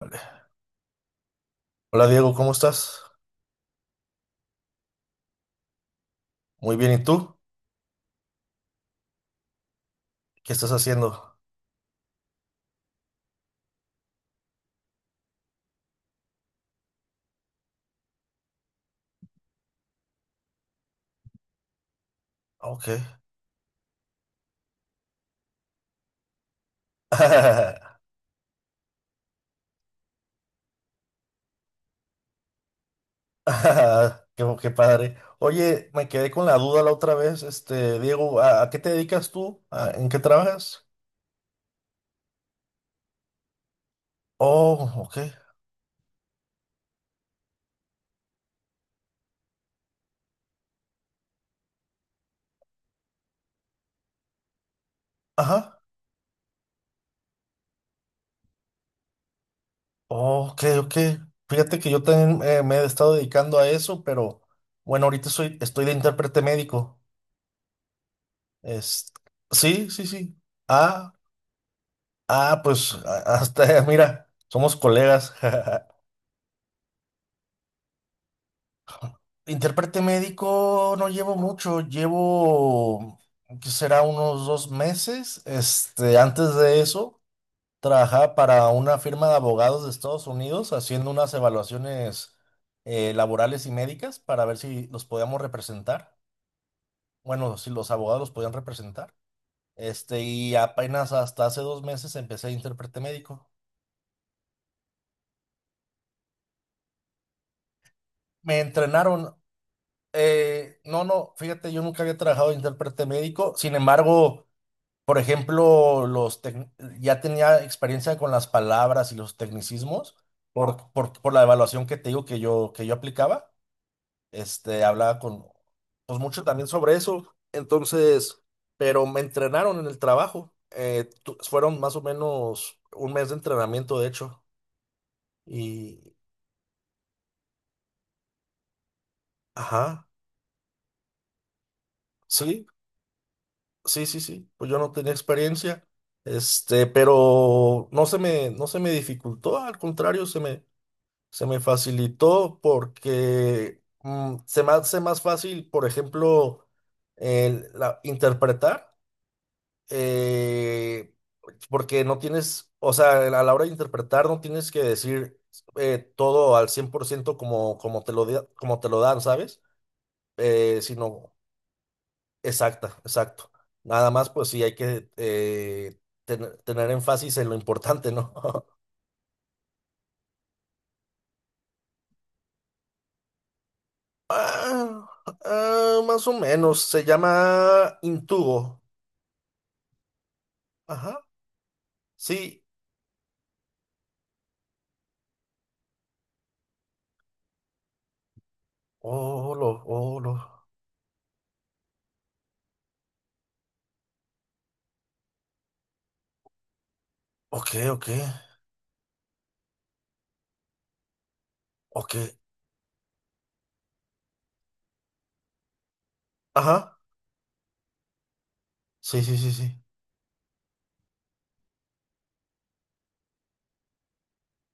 Vale. Hola Diego, ¿cómo estás? Muy bien, ¿y tú? ¿Qué estás haciendo? Ah, ok. Qué, qué padre. Oye, me quedé con la duda la otra vez, este, Diego, ¿a qué te dedicas tú? ¿En qué trabajas? Oh, ok. Ajá. Oh, ok, ok. Fíjate que yo también me he estado dedicando a eso, pero bueno, ahorita estoy de intérprete médico. Es, sí, sí, sí. Ah, pues hasta, mira, somos colegas. Intérprete médico no llevo mucho, llevo que será unos 2 meses. Este, antes de eso, trabajaba para una firma de abogados de Estados Unidos haciendo unas evaluaciones laborales y médicas para ver si los podíamos representar. Bueno, si los abogados los podían representar. Este, y apenas hasta hace 2 meses empecé de intérprete médico. Me entrenaron. No, no, fíjate, yo nunca había trabajado de intérprete médico. Sin embargo. Por ejemplo, ya tenía experiencia con las palabras y los tecnicismos por la evaluación que te digo que yo aplicaba. Este, hablaba con, pues mucho también sobre eso. Entonces, pero me entrenaron en el trabajo. Fueron más o menos 1 mes de entrenamiento, de hecho. Y, ajá, sí, sí, sí, sí. Pues yo no tenía experiencia. Este, pero no se me dificultó, al contrario, se me facilitó porque se me hace más fácil, por ejemplo, interpretar, eh, porque no tienes, o sea, a la hora de interpretar no tienes que decir todo al 100% como, como te lo dan, ¿sabes? Eh, sino, exacta, exacto. Nada más, pues sí, hay que tener énfasis en lo importante, ¿no? Ah, más o menos, se llama Intubo. Ajá, sí. Oh, lo, oh, lo. Ok, ok, ok. Ajá, sí, sí, sí, sí.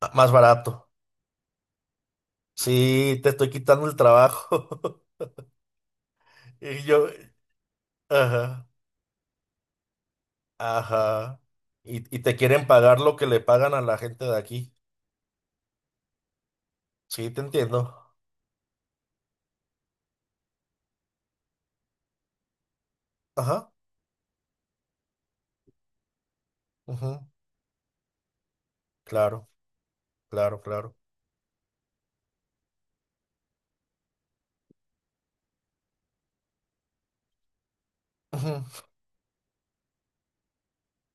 Ah, más barato. Sí, te estoy quitando el trabajo. Y yo, ajá, ajá. Y te quieren pagar lo que le pagan a la gente de aquí. Sí, te entiendo. Ajá, ujú, claro, claro, claro. Ujú,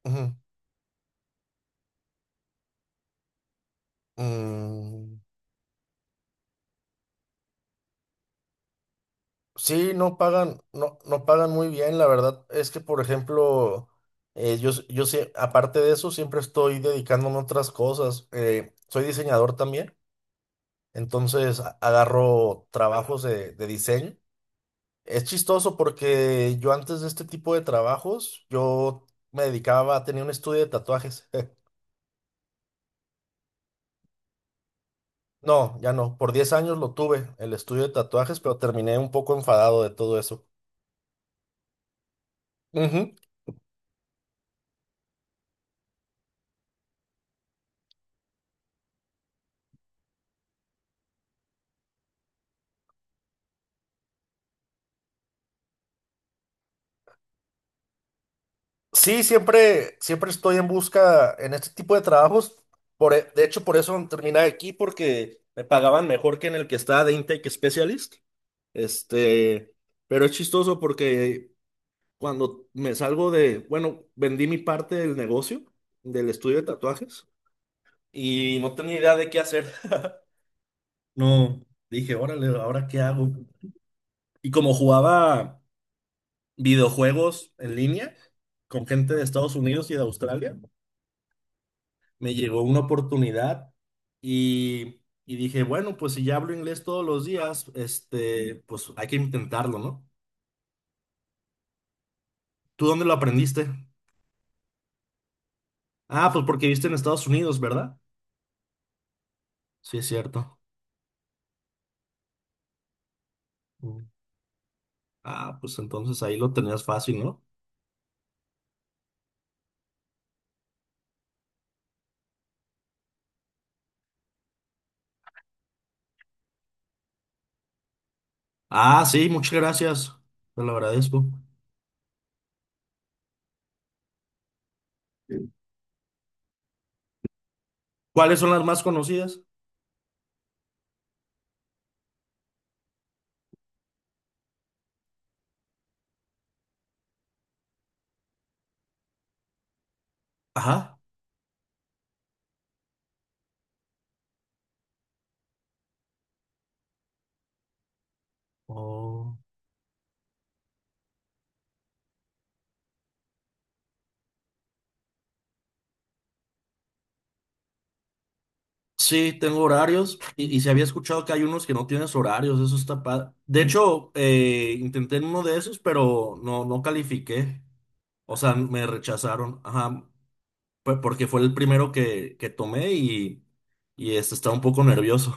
ujú. Mm. Sí, no pagan, no pagan muy bien, la verdad. Es que, por ejemplo, yo sé, aparte de eso, siempre estoy dedicándome a otras cosas. Soy diseñador también, entonces agarro trabajos de diseño. Es chistoso porque yo antes de este tipo de trabajos, yo me dedicaba a tener un estudio de tatuajes. No, ya no. Por 10 años lo tuve, el estudio de tatuajes, pero terminé un poco enfadado de todo eso. Ujú. Sí, siempre, siempre estoy en busca en este tipo de trabajos. De hecho, por eso terminé aquí, porque me pagaban mejor que en el que estaba de Intake Specialist. Este, pero es chistoso porque cuando me salgo de, bueno, vendí mi parte del negocio, del estudio de tatuajes, y no tenía idea de qué hacer. No, dije, órale, ¿ahora qué hago? Y como jugaba videojuegos en línea con gente de Estados Unidos y de Australia. Me llegó una oportunidad y, y dije, bueno, pues si ya hablo inglés todos los días, este, pues hay que intentarlo, ¿no? ¿Tú dónde lo aprendiste? Ah, pues porque viste en Estados Unidos, ¿verdad? Sí, es cierto. Mm. Ah, pues entonces ahí lo tenías fácil, ¿no? Ah, sí, muchas gracias. Te lo agradezco. ¿Cuáles son las más conocidas? Ajá. Oh. Sí, tengo horarios y se había escuchado que hay unos que no tienes horarios, eso está padre. De hecho, intenté en uno de esos, pero no, no califiqué. O sea, me rechazaron. Ajá, fue porque fue el primero que tomé y este, estaba un poco nervioso.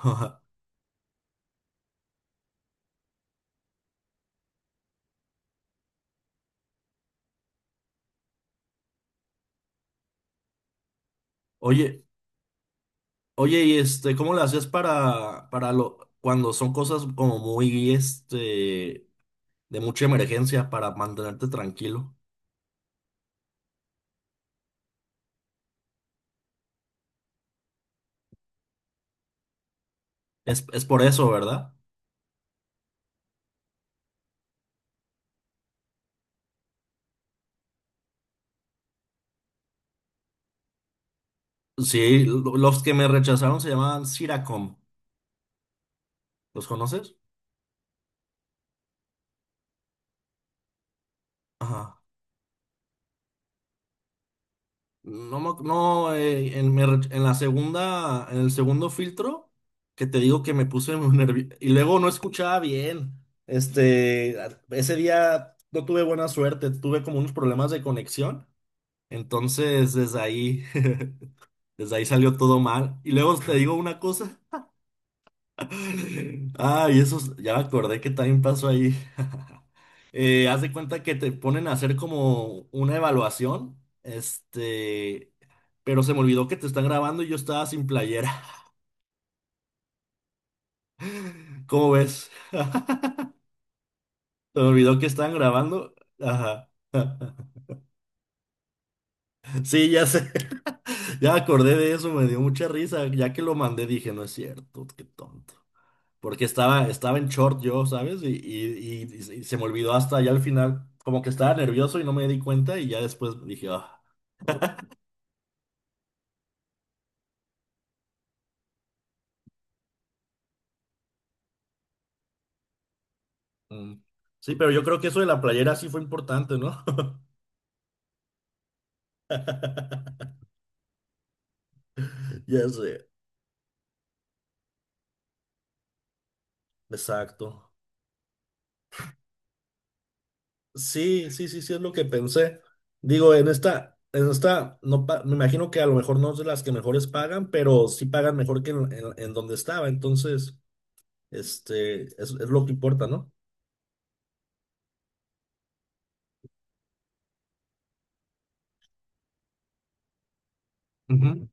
Oye, oye, y este, ¿cómo le hacías cuando son cosas como muy, este, de mucha emergencia para mantenerte tranquilo? Es por eso, ¿verdad? Sí, los que me rechazaron se llamaban Siracom. ¿Los conoces? Ajá. No, me ac- no en, me rech- En la segunda, en el segundo filtro, que te digo que me puse muy nervioso. Y luego no escuchaba bien. Este, ese día no tuve buena suerte, tuve como unos problemas de conexión. Entonces, desde ahí, desde ahí salió todo mal. Y luego te digo una cosa. Ah, y eso, ya me acordé que también pasó ahí. Haz de cuenta que te ponen a hacer como una evaluación, este, pero se me olvidó que te están grabando y yo estaba sin playera. ¿Cómo ves? Se me olvidó que estaban grabando. Ajá. Sí, ya sé. Ya me acordé de eso, me dio mucha risa. Ya que lo mandé, dije, no es cierto, qué tonto. Porque estaba en short yo, ¿sabes? Y se me olvidó hasta ya al final, como que estaba nervioso y no me di cuenta y ya después dije, ah, mm. Sí, pero yo creo que eso de la playera sí fue importante, ¿no? Ya sé, exacto. Sí, sí, sí, sí, es lo que pensé. Digo, en esta, no pa- me imagino que a lo mejor no es de las que mejores pagan, pero sí pagan mejor que en donde estaba. Entonces, este, es lo que importa, ¿no? Ujú.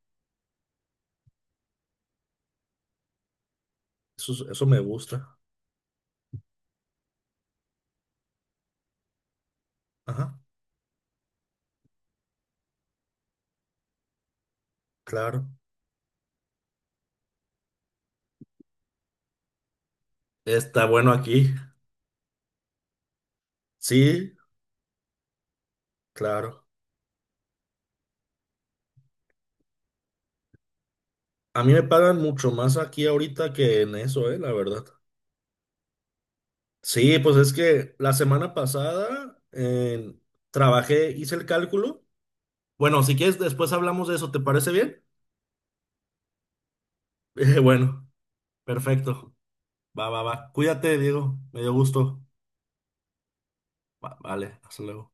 Eso, eso me gusta. Ajá. Claro, está bueno aquí. Sí, claro. A mí me pagan mucho más aquí ahorita que en eso, la verdad. Sí, pues es que la semana pasada trabajé, hice el cálculo. Bueno, si quieres, después hablamos de eso, ¿te parece bien? Bueno, perfecto. Va, va, va. Cuídate, Diego. Me dio gusto. Va- vale, hasta luego.